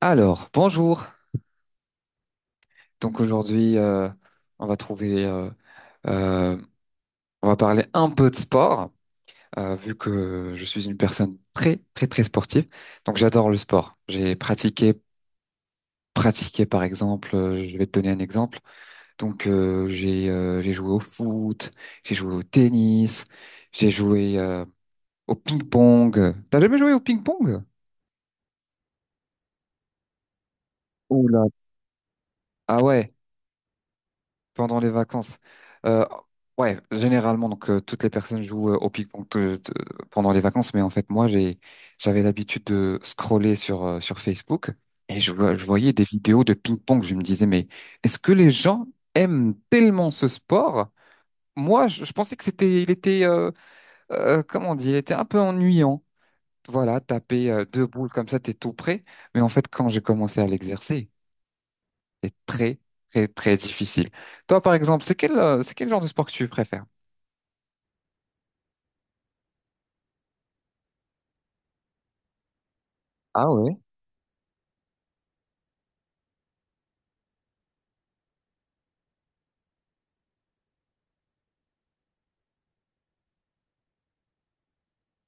Alors, bonjour. Donc aujourd'hui, on va trouver, euh, on va parler un peu de sport, vu que je suis une personne très, très, très sportive. Donc j'adore le sport. J'ai pratiqué par exemple, je vais te donner un exemple. Donc j'ai joué au foot, j'ai joué au tennis, j'ai joué au ping-pong. T'as jamais joué au ping-pong? Oula. Ah ouais. Pendant les vacances. Euh, ouais, généralement, donc toutes les personnes jouent au ping-pong pendant les vacances, mais en fait, moi, j'avais l'habitude de scroller sur sur Facebook et je voyais des vidéos de ping-pong. Je me disais, mais est-ce que les gens aiment tellement ce sport? Moi, je pensais que comment on dit, il était un peu ennuyant. Voilà, taper deux boules comme ça, t'es tout prêt. Mais en fait, quand j'ai commencé à l'exercer, c'est très, très, très difficile. Toi, par exemple, c'est quel genre de sport que tu préfères? Ah ouais,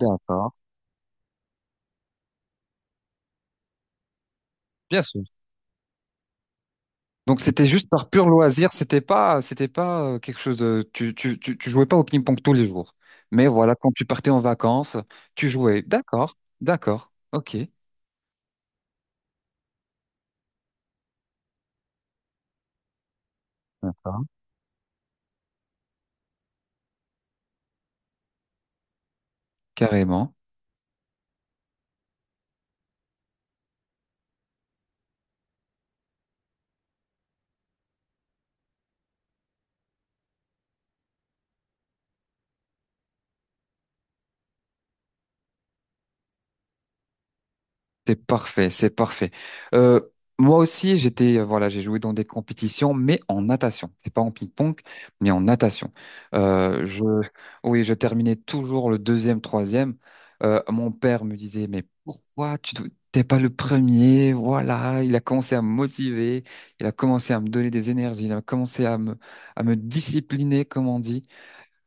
d'accord. Bien sûr. Donc, c'était juste par pur loisir, c'était pas quelque chose de, tu jouais pas au ping-pong tous les jours. Mais voilà, quand tu partais en vacances, tu jouais. D'accord, d'accord, ok, d'accord. Carrément. C'est parfait, c'est parfait. Euh, moi aussi, voilà, j'ai joué dans des compétitions, mais en natation. C'est pas en ping-pong, mais en natation. Euh, je, oui, je terminais toujours le deuxième, troisième. Mon père me disait, mais t'es pas le premier? Voilà, il a commencé à me motiver, il a commencé à me donner des énergies, il a commencé à me discipliner, comme on dit.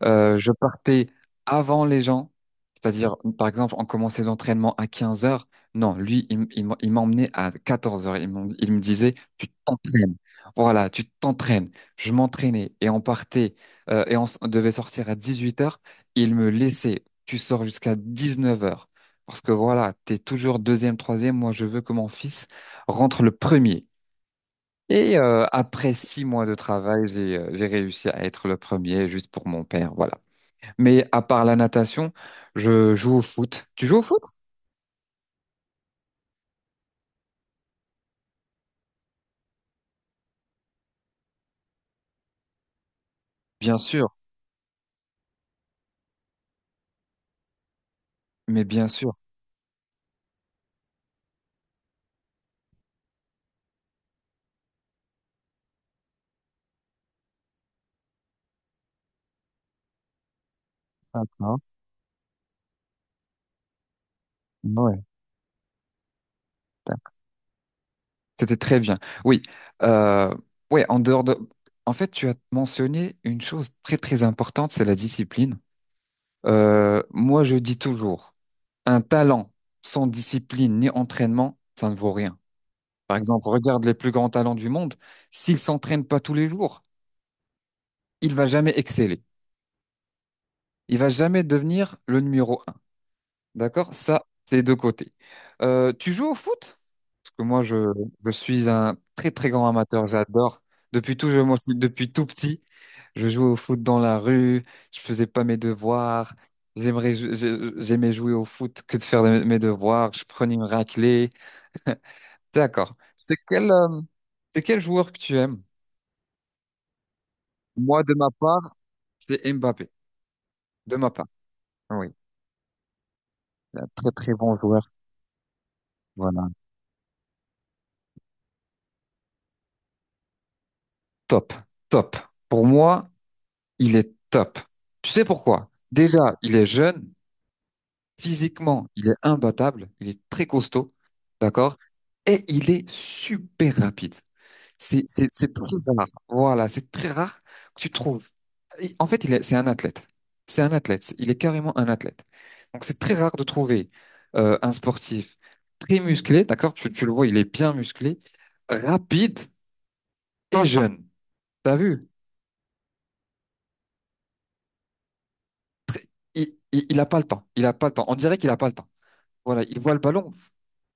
Je partais avant les gens, c'est-à-dire, par exemple, on commençait l'entraînement à 15 heures. Non, lui, il m'emmenait à 14 heures. Il me disait, tu t'entraînes. Voilà, tu t'entraînes. Je m'entraînais et on partait on devait sortir à 18 heures. Il me laissait, tu sors jusqu'à 19 heures. Parce que voilà, t'es toujours deuxième, troisième. Moi, je veux que mon fils rentre le premier. Et après 6 mois de travail, j'ai réussi à être le premier juste pour mon père. Voilà. Mais à part la natation, je joue au foot. Tu joues au foot? Bien sûr, mais bien sûr. D'accord. Ouais, d'accord. C'était très bien. Oui. Euh, ouais, en dehors de... En fait, tu as mentionné une chose très très importante, c'est la discipline. Moi, je dis toujours, un talent sans discipline ni entraînement, ça ne vaut rien. Par exemple, regarde les plus grands talents du monde. S'il s'entraîne pas tous les jours, il va jamais exceller. Il va jamais devenir le numéro. D'accord? Ça, c'est deux côtés. Tu joues au foot? Parce que je suis un très, très grand amateur. J'adore. Moi, aussi, depuis tout petit, je jouais au foot dans la rue. Je faisais pas mes devoirs. J'aimais jouer au foot que de faire mes devoirs. Je prenais une raclée. D'accord. C'est quel joueur que tu aimes? Moi, de ma part, c'est Mbappé. De ma part. Oui. Un très, très bon joueur. Voilà. Top. Top. Pour moi, il est top. Tu sais pourquoi? Déjà, il est jeune, physiquement, il est imbattable, il est très costaud, d'accord? Et il est super rapide. C'est très rare. Voilà, c'est très rare que tu trouves. En fait, c'est un athlète. C'est un athlète. Il est carrément un athlète. Donc, c'est très rare de trouver un sportif très musclé, d'accord? Tu le vois, il est bien musclé, rapide et jeune. T'as vu? Il a pas le temps. Il a pas le temps. On dirait qu'il a pas le temps. Voilà, il voit le ballon.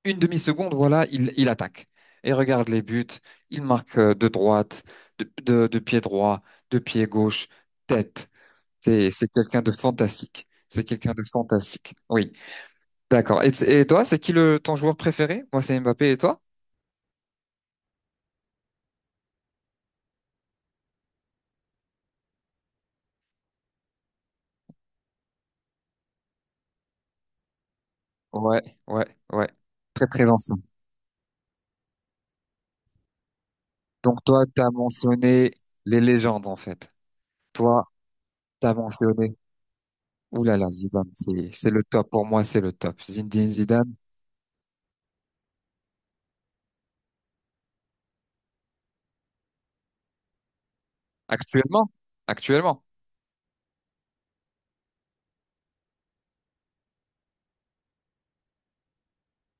Une demi-seconde, voilà, il attaque. Et regarde les buts. Il marque de pied droit, de pied gauche, tête. C'est quelqu'un de fantastique. C'est quelqu'un de fantastique. Oui, d'accord. Et toi, ton joueur préféré? Moi, c'est Mbappé et toi? Ouais, ouais, ouais. Très, très lanceur. Donc, toi, t'as mentionné les légendes, en fait. Toi, t'as mentionné. Ouh là là, Zidane, c'est le top. Pour moi, c'est le top. Zinedine Zidane. Actuellement, actuellement,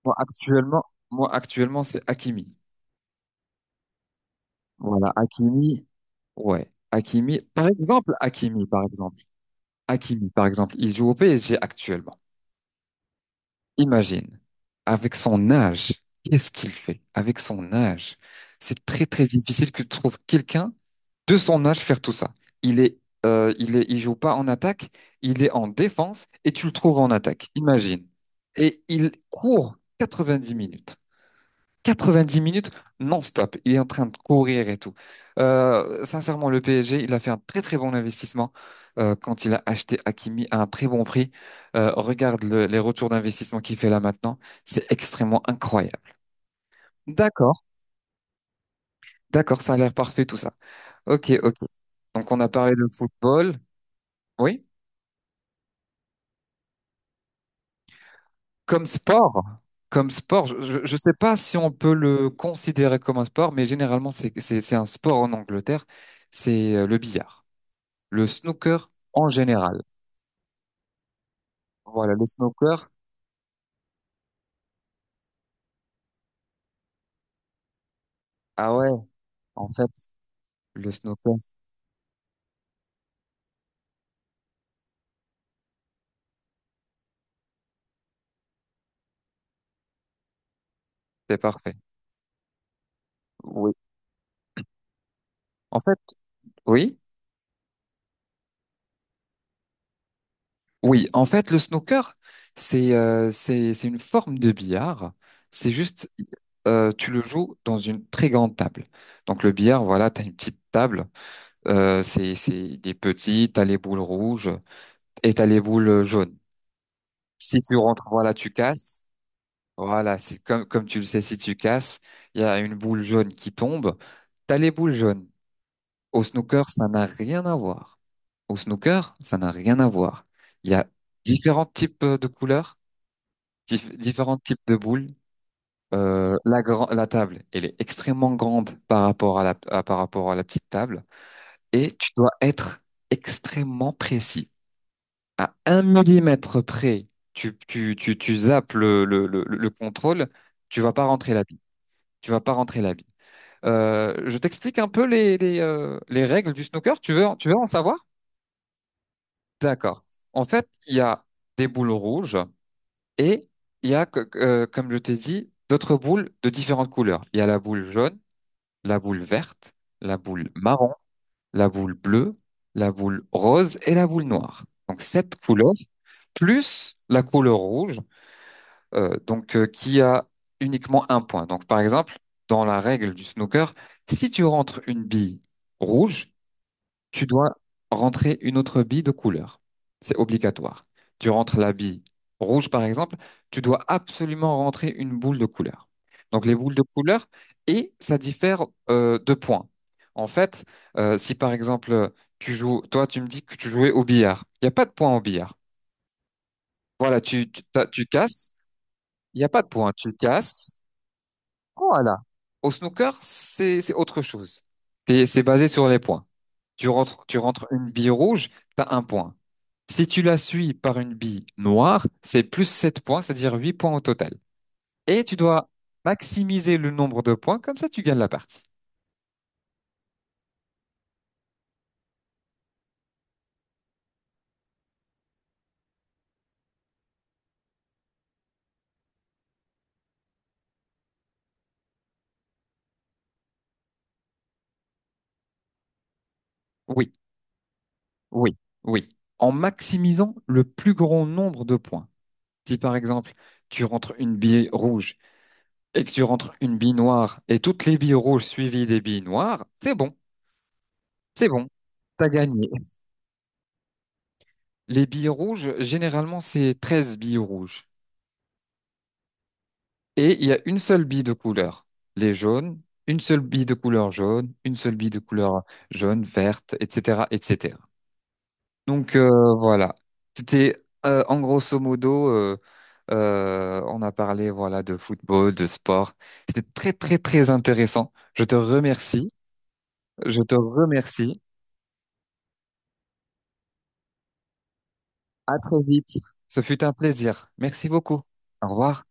moi actuellement, moi actuellement, c'est Hakimi. Voilà, Hakimi, ouais, Hakimi. Hakimi, par exemple, il joue au PSG actuellement. Imagine, avec son âge, qu'est-ce qu'il fait? Avec son âge, c'est très très difficile que tu trouves quelqu'un de son âge faire tout ça. Il est, il joue pas en attaque, il est en défense et tu le trouves en attaque. Imagine. Et il court 90 minutes. 90 minutes non-stop. Il est en train de courir et tout. Sincèrement, le PSG, il a fait un très très bon investissement quand il a acheté Hakimi à un très bon prix. Les retours d'investissement qu'il fait là maintenant. C'est extrêmement incroyable. D'accord, d'accord, ça a l'air parfait tout ça. Ok, ok. Donc on a parlé de football. Oui, comme sport. Comme sport, je ne sais pas si on peut le considérer comme un sport, mais généralement, c'est un sport en Angleterre, c'est le billard. Le snooker en général. Voilà, le snooker. Ah ouais, en fait, le snooker, c'est parfait. Oui. En fait, oui, oui. En fait, le snooker, c'est une forme de billard. C'est juste, tu le joues dans une très grande table. Donc le billard, voilà, t'as une petite table. C'est des petits. T'as les boules rouges et t'as les boules jaunes. Si tu rentres, voilà, tu casses. Voilà, c'est comme, comme tu le sais, si tu casses, il y a une boule jaune qui tombe. T'as les boules jaunes. Au snooker, ça n'a rien à voir. Au snooker, ça n'a rien à voir. Il y a différents types de couleurs, différents types de boules. La table, elle est extrêmement grande par rapport à par rapport à la petite table. Et tu dois être extrêmement précis. À un millimètre près, tu zappes le contrôle, tu vas pas rentrer la tu vas pas rentrer la bille. Je t'explique un peu les règles du snooker. Tu veux en savoir? D'accord. En fait, il y a des boules rouges et il y a, comme je t'ai dit, d'autres boules de différentes couleurs. Il y a la boule jaune, la boule verte, la boule marron, la boule bleue, la boule rose et la boule noire. Donc, sept couleurs plus la couleur rouge. Qui a uniquement un point. Donc par exemple, dans la règle du snooker, si tu rentres une bille rouge, tu dois rentrer une autre bille de couleur. C'est obligatoire. Tu rentres la bille rouge par exemple, tu dois absolument rentrer une boule de couleur. Donc les boules de couleur et ça diffère de points. En fait, si par exemple tu joues, toi tu me dis que tu jouais au billard, il n'y a pas de points au billard. Voilà, tu casses. Il n'y a pas de points. Tu casses, voilà. Au snooker, c'est autre chose. C'est basé sur les points. Tu rentres une bille rouge, t'as un point. Si tu la suis par une bille noire, c'est plus 7 points, c'est-à-dire 8 points au total. Et tu dois maximiser le nombre de points, comme ça tu gagnes la partie. Oui, oui, oui. En maximisant le plus grand nombre de points. Si par exemple, tu rentres une bille rouge et que tu rentres une bille noire et toutes les billes rouges suivies des billes noires, c'est bon, c'est bon. T'as gagné. Les billes rouges, généralement, c'est 13 billes rouges. Et il y a une seule bille de couleur. Les jaunes, une seule bille de couleur jaune, une seule bille de couleur jaune, verte, etc., etc. Donc, voilà. C'était, en grosso modo, on a parlé, voilà, de football, de sport. C'était très, très, très intéressant. Je te remercie. Je te remercie. À très vite. Ce fut un plaisir. Merci beaucoup. Au revoir.